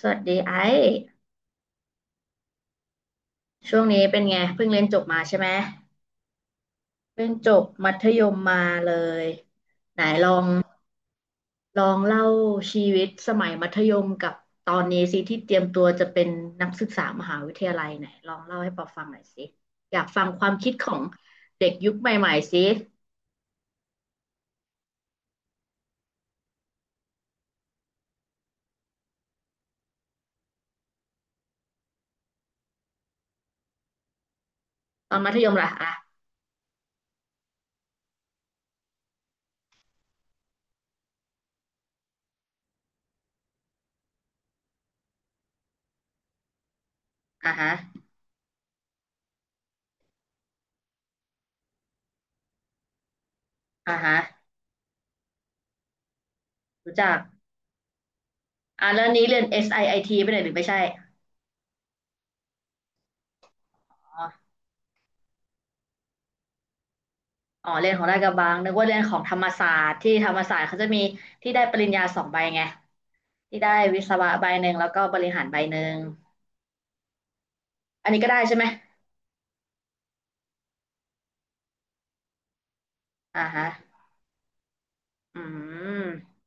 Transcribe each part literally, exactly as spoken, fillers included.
สวัสดีไอ้ช่วงนี้เป็นไงเพิ่งเรียนจบมาใช่ไหมเพิ่งจบมัธยมมาเลยไหนลองลองเล่าชีวิตสมัยมัธยมกับตอนนี้สิที่เตรียมตัวจะเป็นนักศึกษามหาวิทยาลัยไหนลองเล่าให้ปอฟังหน่อยสิอยากฟังความคิดของเด็กยุคใหม่ๆสิตอนมัธยมล่ะอ่ะอ่ะฮะอ่ะฮะรู้จักอ่ะแล้วนี้เรียน ซิท ไอไอทีไปไหนหรือไม่ใช่อ๋อ อ๋อเรียนของราชกระบังนึกว่าเรียนของธรรมศาสตร์ที่ธรรมศาสตร์เขาจะมีที่ได้ปริญญาสองใบไงที่ได้วิศวะใบหนึ่งแล้วก็บริหารใบหนึ่งอันนี้ก็ได้ใช่ไหมอ่าฮะอืม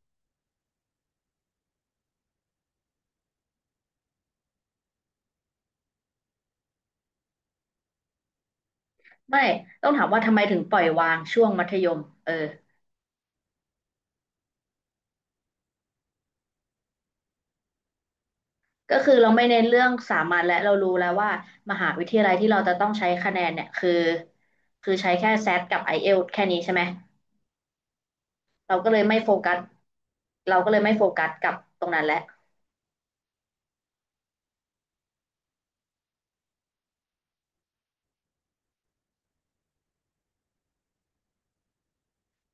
ไม่ต้องถามว่าทำไมถึงปล่อยวางช่วงมัธยมเออก็คือเราไม่เน้นเรื่องสามัญและเรารู้แล้วว่ามหาวิทยาลัยที่เราจะต้องใช้คะแนนเนี่ยคือคือใช้แค่แซดกับไอเอลทีแค่นี้ใช่ไหมเราก็เลยไม่โฟกัสเราก็เลยไม่โฟกัสกับตรงนั้นแหละ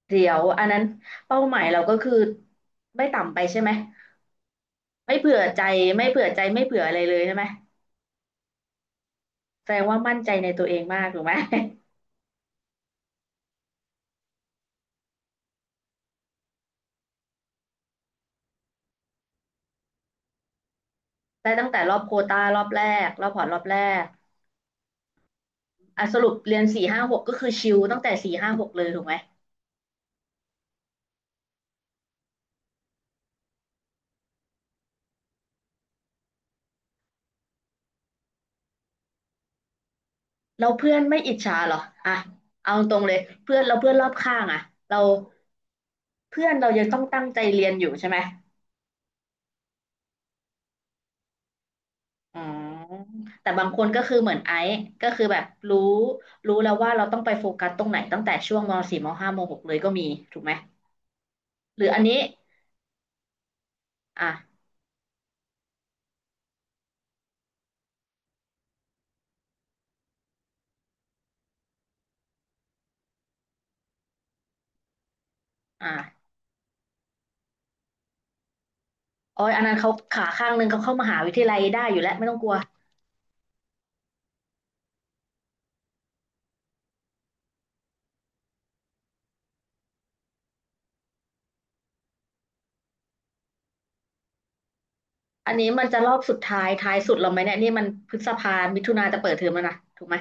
เดี๋ยวอันนั้นเป้าหมายเราก็คือไม่ต่ำไปใช่ไหมไม่เผื่อใจไม่เผื่อใจไม่เผื่ออะไรเลยใช่ไหมแสดงว่ามั่นใจในตัวเองมากถูกไหม ได้ตั้งแต่รอบโควตารอบแรกรอบพอร์ตรอบแรกอ่ะสรุปเรียนสี่ห้าหกก็คือชิลตั้งแต่สี่ห้าหกเลยถูกไหมเราเพื่อนไม่อิจฉาเหรออ่ะเอาตรงเลยเพื่อนเราเพื่อนรอบข้างอ่ะเราเพื่อนเรายังต้องตั้งใจเรียนอยู่ใช่ไหม อ๋อแต่บางคนก็คือเหมือนไอซ์ก็คือแบบรู้รู้แล้วว่าเราต้องไปโฟกัสตรงไหนตั้งแต่ช่วงมสี่มห้ามหกเลยก็มีถูกไหมหรืออันนี้อ่ะอ่ะโอ้ยอันนั้นเขาขาข้างหนึงเขาเข้ามหาวิทยาลัยได้อยู่แล้วไม่ต้องกลัว อันนี้มันจะรอบสุดท้ายท้ายสุดเราไหมเนี่ยนี่มันพฤษภามิถุนาจะเปิดเทอมแล้วนะถูกไหม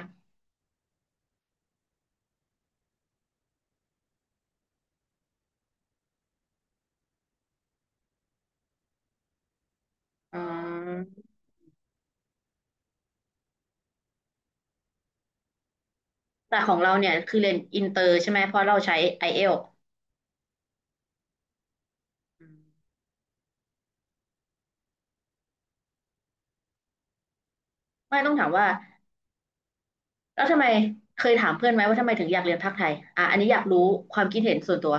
อ๋อแต่ของเราเนี่ยคือเรียนอินเตอร์ใช่ไหมเพราะเราใช้ไอเอลไม่ต้องถามว่า แล้วทำไมเคยถามเพื่อนไหมว่าทำไมถึงอยากเรียนภาคไทยอ่ะอันนี้อยากรู้ความคิดเห็นส่วนตัว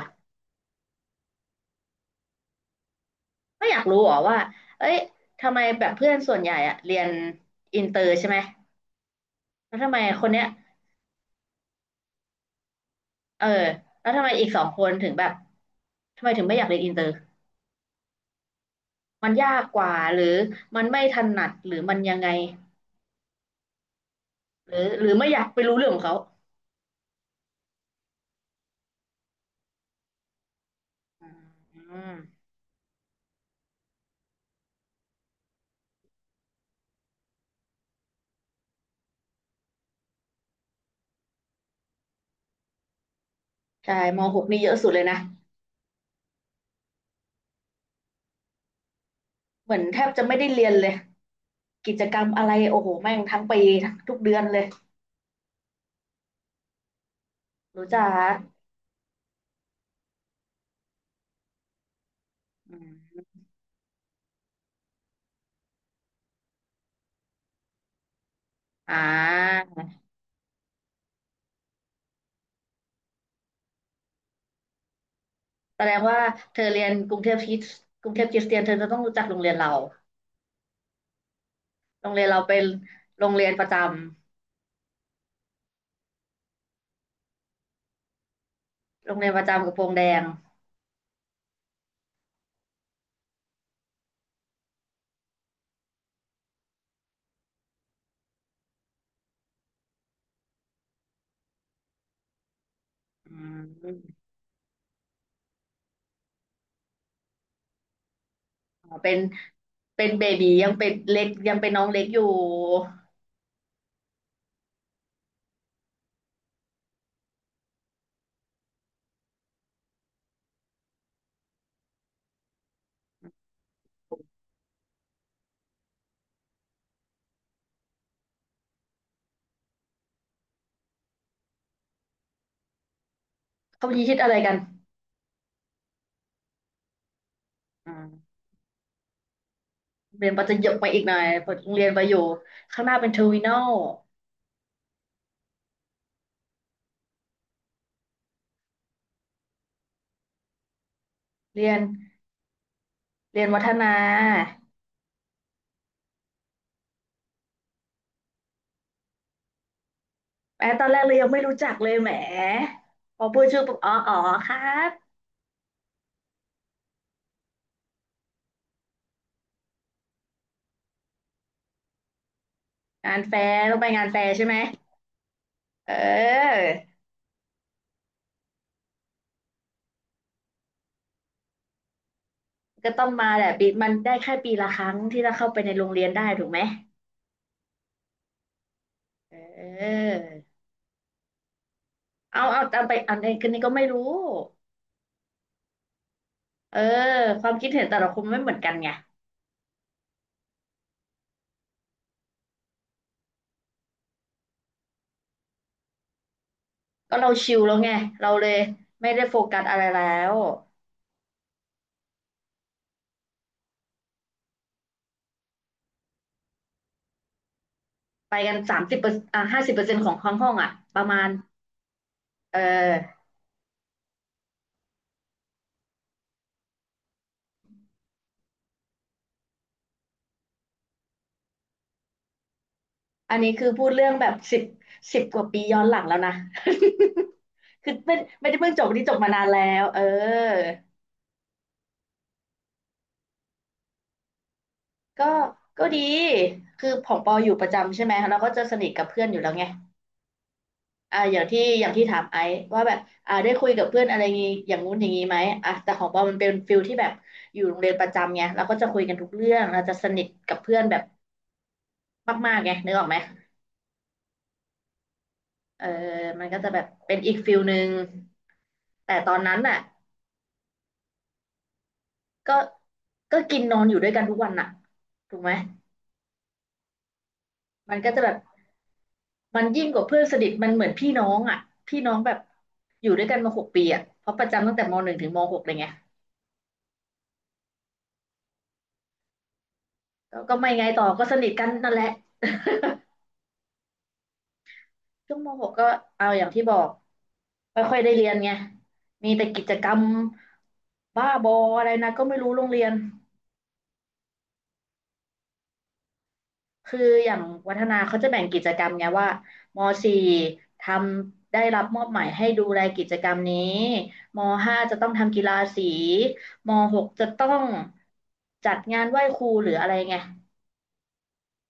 ไม่อยากรู้หรอว่าเอ้ยทำไมแบบเพื่อนส่วนใหญ่อะเรียนอินเตอร์ใช่ไหมแล้วทำไมคนเนี้ยเออแล้วทำไมอีกสองคนถึงแบบทำไมถึงไม่อยากเรียนอินเตอร์มันยากกว่าหรือมันไม่ถนัดหรือมันยังไงหรือหรือไม่อยากไปรู้เรื่องของเขาอืมใช่ม .หก นี่เยอะสุดเลยนะเหมือนแทบจะไม่ได้เรียนเลยกิจกรรมอะไรโอ้โหแม่งทั้งปีทั้งทุกเดือนเลยรู้จ้า อืมอ่าแสดงว่าเธอเรียนกรุงเทพคริสกรุงเทพคริสเตียนเธอจะต้องรู้จักโรงเรียนเราโรงเรียนเราเป็นโรงเรียนประจำโรงเรียนประจำกระโปรงแดงอืมอ๋อเป็นเป็นเบบียังเป็นเล็กยังเป็นน้องเล็กอยู่เขามีคิดอะไรกันอืมเรียนประจะยกไปอีกหน่อยเปิดโรงเรียนไปอยู่ข้างหน้าเป็นเทอร์มินอลเรียนเรียนวัฒนาแม้ตอนแรกเลยยังไม่รู้จักเลยแหมพอพูดชื่อปุ๊บอ๋ออ๋อครับ งานแฟร์ต้องไปงานแฟร์ใช่ไหมเออ ก็ต้องมาแหละปีมันได้แค่ปีละครั้งที่เราเข้าไปในโรงเรียนได้ถูกไหมเออเอาเอาเอาไปเอานนคนนี้ก็ไม่รู้เออความคิดเห็นแต่ละคนไม่เหมือนกันไงก็เราชิลแล้วไงเราเลยไม่ได้โฟกัสอะไรแล้วไปกันสามสิบเปอร์อ่ะห้าสิบเปอร์เซ็นต์ของห้องห้องอ่ะประมาณเอออันนี้คือพูดเรื่องแบบสิบสิบกว่าปีย้อนหลังแล้วนะ คือไม่ไม่ได้เพิ่งจบวันนี้จบมานานแล้วเออ ก็ก็ดีคือของปออยู่ประจำใช่ไหมเราก็จะสนิทกับเพื่อนอยู่แล้วไงอ่าอย่างที่อย่างที่ถามไอซ์ว่าแบบอ่าได้คุยกับเพื่อนอะไรงี้อย่างงู้นอย่างงี้ไหมอ่ะแต่ของปอมันเป็นฟิลที่แบบอยู่โรงเรียนประจำไงเราก็จะคุยกันทุกเรื่องเราจะสนิทกับเพื่อนแบบมากๆไงนึกออกไหมเออมันก็จะแบบเป็นอีกฟิลหนึ่งแต่ตอนนั้นน่ะก็ก็กินนอนอยู่ด้วยกันทุกวันน่ะถูกไหมมันก็จะแบบ มันยิ่งกว่าเพื่อนสนิทมันเหมือนพี่น้องอ่ะพี่น้องแบบอยู่ด้วยกันมาหกปีอ่ะเพราะประจำตั้งแต่มหนึ่งถึงมหกเลยไงก็ก็ไม่ไงต่อก็สนิทกันนั่นแหละช่วงมหกก็เอาอย่างที่บอกไม่ค่อยได้เรียนไงมีแต่กิจกรรมบ้าบออะไรนะก็ไม่รู้โรงเรียน คืออย่างวัฒนาเขาจะแบ่งกิจกรรมไงว่ามสี่ทำได้รับมอบหมายให้ดูแลกิจกรรมนี้มห้าจะต้องทำกีฬาสีมหกจะต้องจัดงานไหว้ครูหรืออะไรไง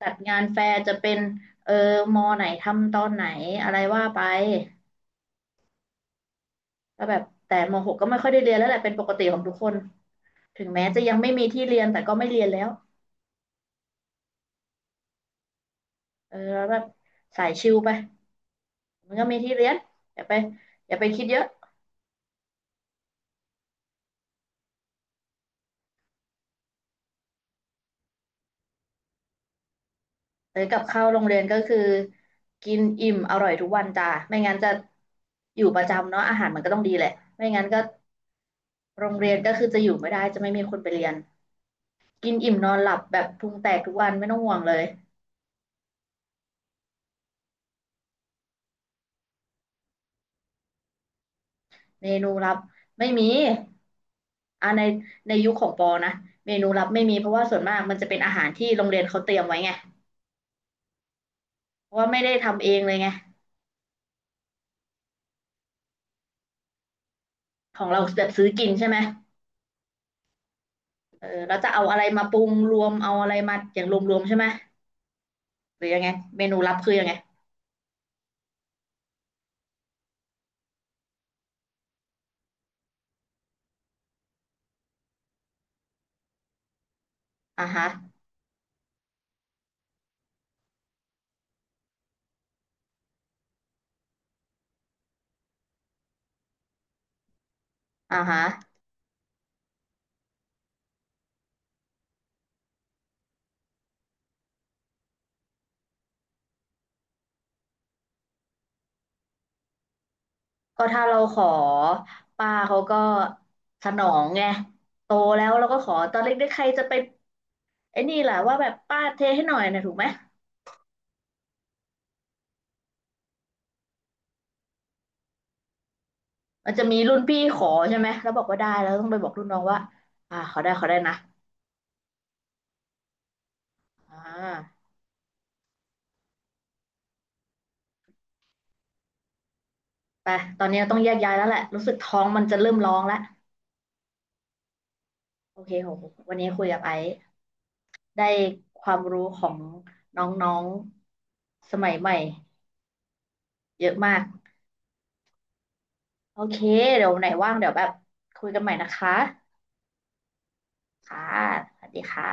จัดงานแฟร์จะเป็นเออมไหนทำตอนไหนอะไรว่าไปก็แบบแต่มหกก็ไม่ค่อยได้เรียนแล้วแหละเป็นปกติของทุกคน ถึงแม้จะยังไม่มีที่เรียนแต่ก็ไม่เรียนแล้วเออแล้วแบบสายชิลไปมันก็มีที่เรียนอย่าไปอย่าไปคิดเยอะ เอ้ยกับข้าวโรงเรียนก็คือกินอิ่มอร่อยทุกวันจ้าไม่งั้นจะอยู่ประจำเนาะอาหารมันก็ต้องดีแหละไม่งั้นก็โรงเรียนก็คือจะอยู่ไม่ได้จะไม่มีคนไปเรียนกินอิ่มนอนหลับแบบพุงแตกทุกวันไม่ต้องห่วงเลยเมนูลับไม่มีอ่าในในยุคของปอนะเมนูลับไม่มีเพราะว่าส่วนมากมันจะเป็นอาหารที่โรงเรียนเขาเตรียมไว้ไงเพราะว่าไม่ได้ทำเองเลยไงของเราแบบซื้อกินใช่ไหมเออแล้วจะเอาอะไรมาปรุงรวมเอาอะไรมาอย่างรวมๆใช่ไหมหรือยังไงเมนูลับคือยังไง อ่าฮะอ่าฮะก็ถ้าเราขอป้าเขาก็สนองไงโตแล้วเราก็ขอตอนเล็กๆใครจะไปไอ้นี่แหละว่าแบบป้าเทให้หน่อยนะถูกไหมมันจะมีรุ่นพี่ขอใช่ไหมแล้วบอกว่าได้แล้วต้องไปบอกรุ่นน้องว่าอ่าขอได้ขอได้นะอ่าไปตอนนี้ต้องแยกย้ายแล้วแหละรู้สึกท้องมันจะเริ่มร้องแล้วโอเคโหวันนี้คุยกับไอซ์ได้ความรู้ของน้องๆสมัยใหม่เยอะมาก โอเค เดี๋ยวไหนว่างเดี๋ยวแบบคุยกันใหม่นะคะค่ะสวัสดีค่ะ